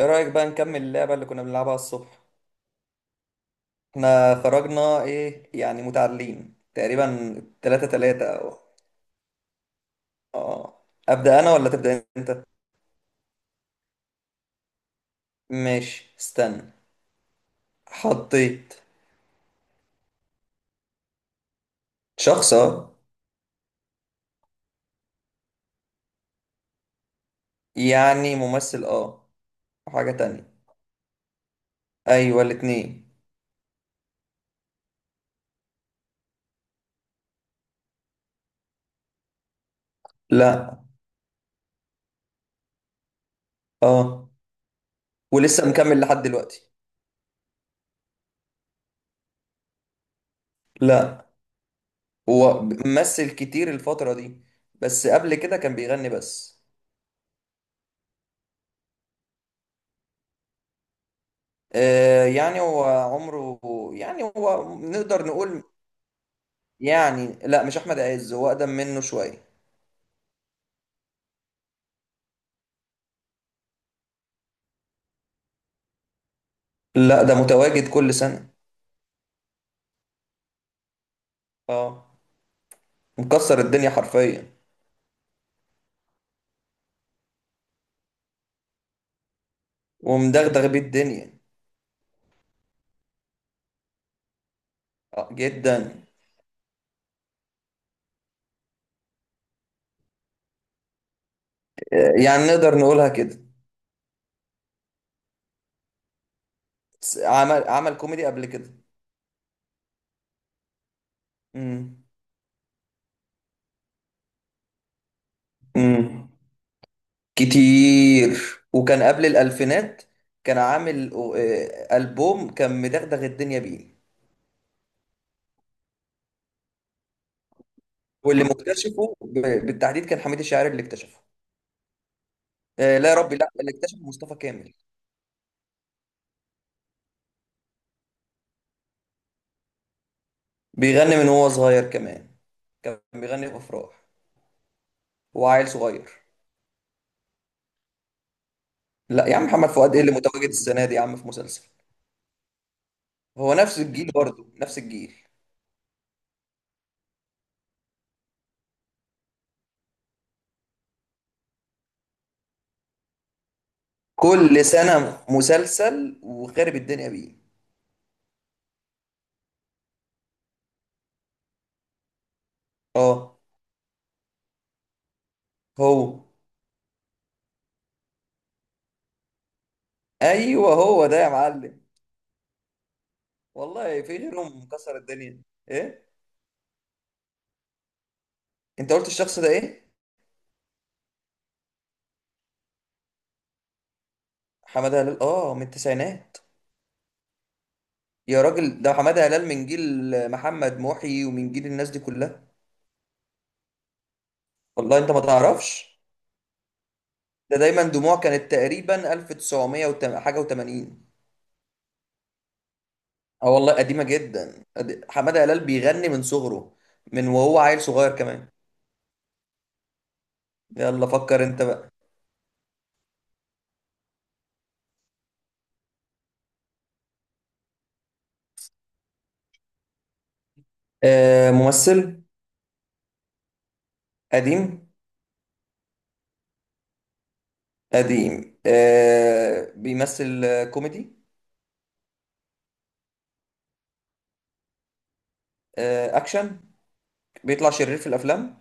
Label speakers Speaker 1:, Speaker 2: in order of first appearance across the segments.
Speaker 1: ايه رأيك بقى نكمل اللعبة اللي كنا بنلعبها الصبح؟ احنا خرجنا ايه يعني متعادلين تقريبا، تلاتة تلاتة، او اه ابدأ انا ولا تبدأ انت؟ ماشي استنى. حطيت. شخص، اه. يعني ممثل، اه. وحاجة تانية. ايوه الاتنين. لا. اه. ولسه مكمل لحد دلوقتي. لا هو ممثل كتير الفترة دي، بس قبل كده كان بيغني بس. يعني هو عمره، يعني هو نقدر نقول. يعني لا، مش احمد عز، هو اقدم منه شويه. لا ده متواجد كل سنه. اه مكسر الدنيا حرفيا ومدغدغ بيه الدنيا. اه جدا. يعني نقدر نقولها كده. عمل كوميدي قبل كده. امم امم كتير. وكان قبل الالفينات، كان عامل البوم، كان مدغدغ الدنيا بيه. واللي مكتشفه بالتحديد كان حميد الشاعري اللي اكتشفه. لا يا ربي، لا اللي اكتشفه مصطفى كامل. بيغني من وهو صغير كمان، كان بيغني في افراح، هو عيل صغير. لا يا عم، محمد فؤاد ايه اللي متواجد السنه دي يا عم في مسلسل؟ هو نفس الجيل برضه نفس الجيل. كل سنه مسلسل وخارب الدنيا بيه. اه هو. ايوه هو ده يا معلم. والله في غيرهم مكسر الدنيا. ايه. انت قلت الشخص ده ايه؟ حماده هلال، اه من التسعينات. يا راجل ده حماده هلال من جيل محمد محي ومن جيل الناس دي كلها. والله انت ما تعرفش. ده دايما دموع، كانت تقريبا 1900 حاجه و80. اه والله قديمه جدا، حماده هلال بيغني من صغره، من وهو عيل صغير كمان. يلا فكر انت بقى. آه ممثل. قديم. قديم، بيمثل، كوميدي. آه اكشن، بيطلع شرير في الافلام.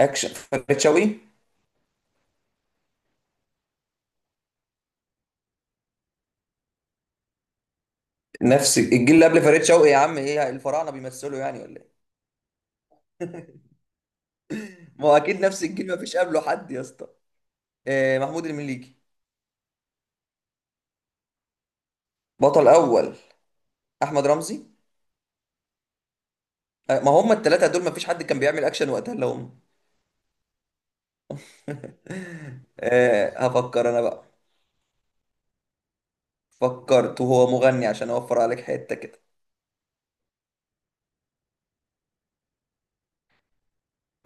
Speaker 1: اكشن، فريد شوقي. نفس الجيل اللي قبل فريد شوقي يا عم؟ ايه الفراعنه بيمثلوا يعني ولا ايه؟ ما هو اكيد نفس الجيل، ما فيش قبله حد يا اسطى. آه، محمود المليجي. بطل اول. احمد رمزي. ما هم التلاتة دول مفيش حد كان بيعمل اكشن وقتها الا هم. هفكر انا بقى. فكرت، وهو مغني عشان اوفر عليك حتة كده.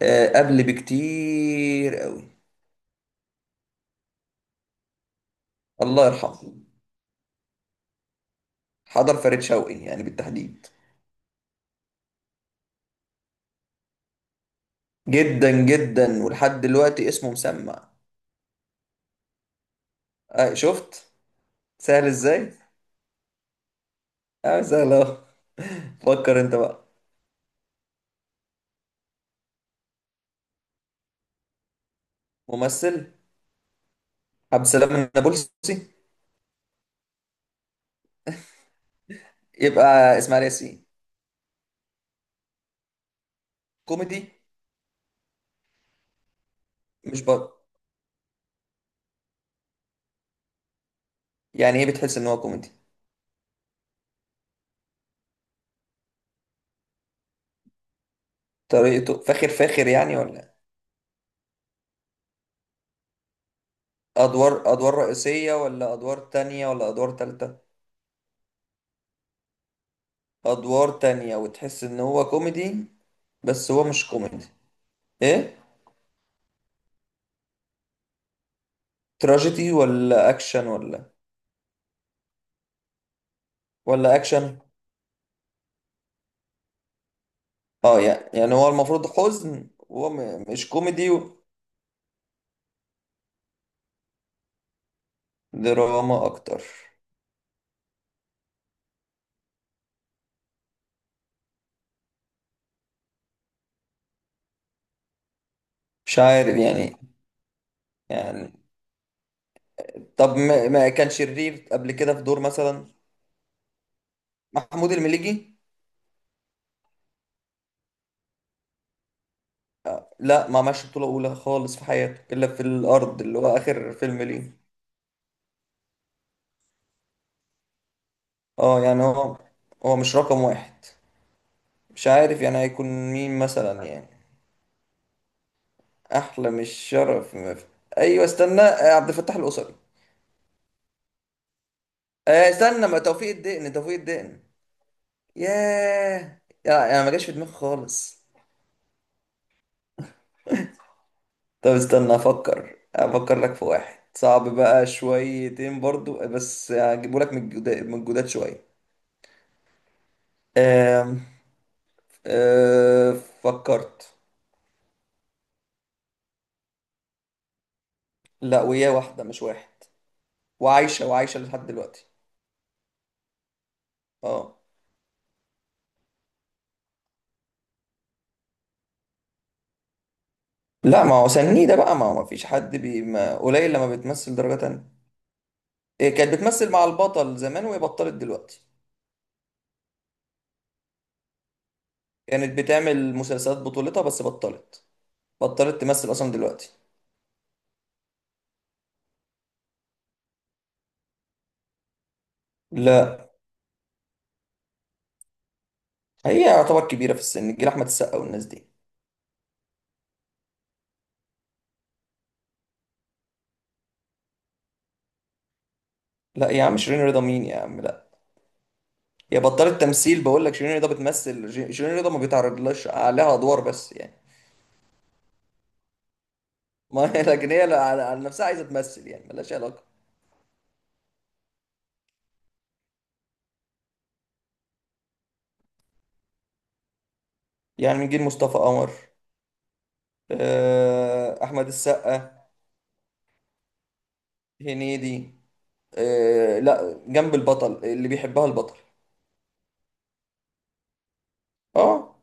Speaker 1: قبل بكتير قوي. الله يرحمه. حضر فريد شوقي يعني بالتحديد. جدا جدا، ولحد دلوقتي اسمه مسمع. آه، شفت؟ سهل ازاي. اه سهل اهو. فكر انت بقى. ممثل. عبد السلام النابلسي. يبقى اسماعيل ياسين. كوميدي. مش بط. يعني ايه بتحس ان هو كوميدي؟ طريقته فاخر فاخر يعني ولا؟ ادوار، ادوار رئيسية ولا ادوار تانية ولا ادوار تالتة؟ ادوار تانية، وتحس ان هو كوميدي بس هو مش كوميدي. ايه، تراجيدي ولا اكشن؟ ولا ولا اكشن. اه يعني، يعني هو المفروض حزن وهو مش كوميدي و-. دراما اكتر. مش عارف يعني. يعني طب ما كان شرير قبل كده في دور مثلا؟ محمود المليجي. لا ما عملش بطولة أولى خالص في حياته إلا في الأرض اللي هو آخر فيلم ليه. اه يعني هو، هو مش رقم واحد. مش عارف يعني هيكون. مين مثلا يعني؟ احلى مش شرف ايوه استنى، عبد الفتاح القصري. استنى، ما توفيق الدقن، توفيق الدقن. ياه يا، انا ما جاش في دماغي خالص. طب استنى افكر، افكر لك في واحد صعب بقى شويتين برضو، بس هجيبه لك من الجداد، من الجداد شويه. آم، آه، فكرت. لا وياه، واحده مش واحد، وعايشه وعايشه لحد دلوقتي. اه. لا ما هو سنيدة بقى، ما هو ما فيش حد بي، ما قليل لما بتمثل درجة تانية. إيه كانت بتمثل مع البطل زمان، وهي بطلت دلوقتي. كانت بتعمل مسلسلات بطولتها بس بطلت، بطلت تمثل أصلا دلوقتي. لا. هي يعتبر كبيرة في السن، جيل أحمد السقا والناس دي. لا يا عم، شيرين رضا مين يا عم، لا. هي بطلت تمثيل، بقول لك شيرين رضا بتمثل، شيرين رضا ما بيتعرضلهاش عليها أدوار، بس يعني. ما هي لكن هي على نفسها عايزة تمثل يعني، ملهاش علاقة. يعني من جيل مصطفى قمر، آه، أحمد السقا. هنيدي. آه لا، جنب البطل، اللي بيحبها البطل. اه.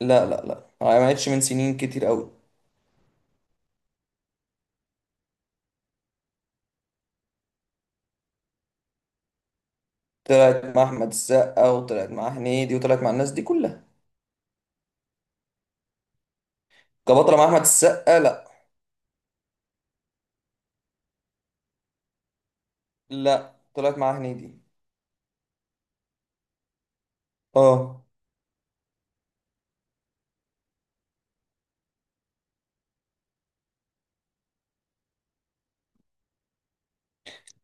Speaker 1: لا لا، لا عملتش من سنين كتير قوي. طلعت مع احمد السقا وطلعت مع هنيدي وطلعت مع الناس دي كلها. كبطلة مع احمد السقا لا. لا، طلعت مع هنيدي. اه.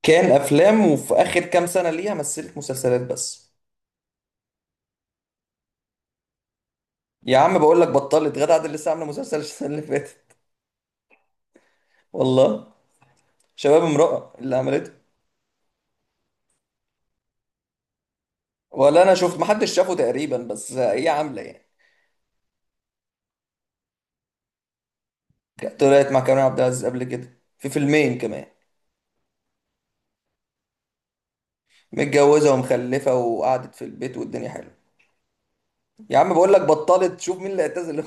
Speaker 1: كان افلام، وفي اخر كام سنة ليها مثلت مسلسلات بس. يا عم بقول لك بطلت، غادة عادل لسه عاملة مسلسل السنة اللي فاتت. والله. شباب امرأة اللي عملته. ولا انا شفت، محدش شافه تقريبا، بس هي عاملة يعني. طلعت مع كريم عبد العزيز قبل كده، في فيلمين كمان. متجوزة ومخلفة وقعدت في البيت والدنيا حلوة. يا عم بقول لك بطلت، شوف مين اللي اعتزل.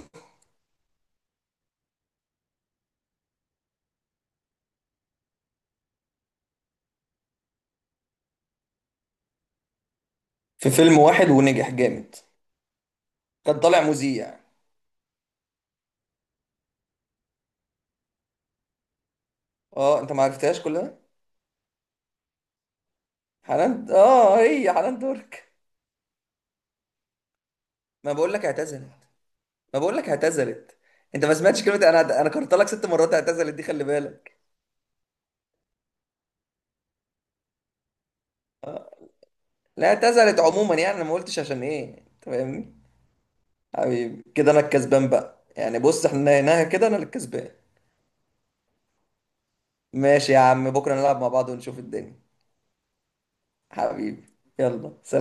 Speaker 1: في فيلم واحد ونجح جامد. كان طالع مذيع. اه انت ما عرفتهاش كلها. حنان، اه هي حنان ترك. ما بقول لك اعتزلت. ما بقول لك اعتزلت. انت ما سمعتش كلمة، انا كررت لك 6 مرات اعتزلت دي، خلي بالك. لا اعتزلت عموما يعني، انا ما قلتش عشان ايه، انت فاهمني. حبيبي كده انا الكسبان بقى يعني، بص احنا هنا كده انا اللي الكسبان. ماشي يا عم، بكرة نلعب مع بعض ونشوف الدنيا. حبيبي. يلا سلام.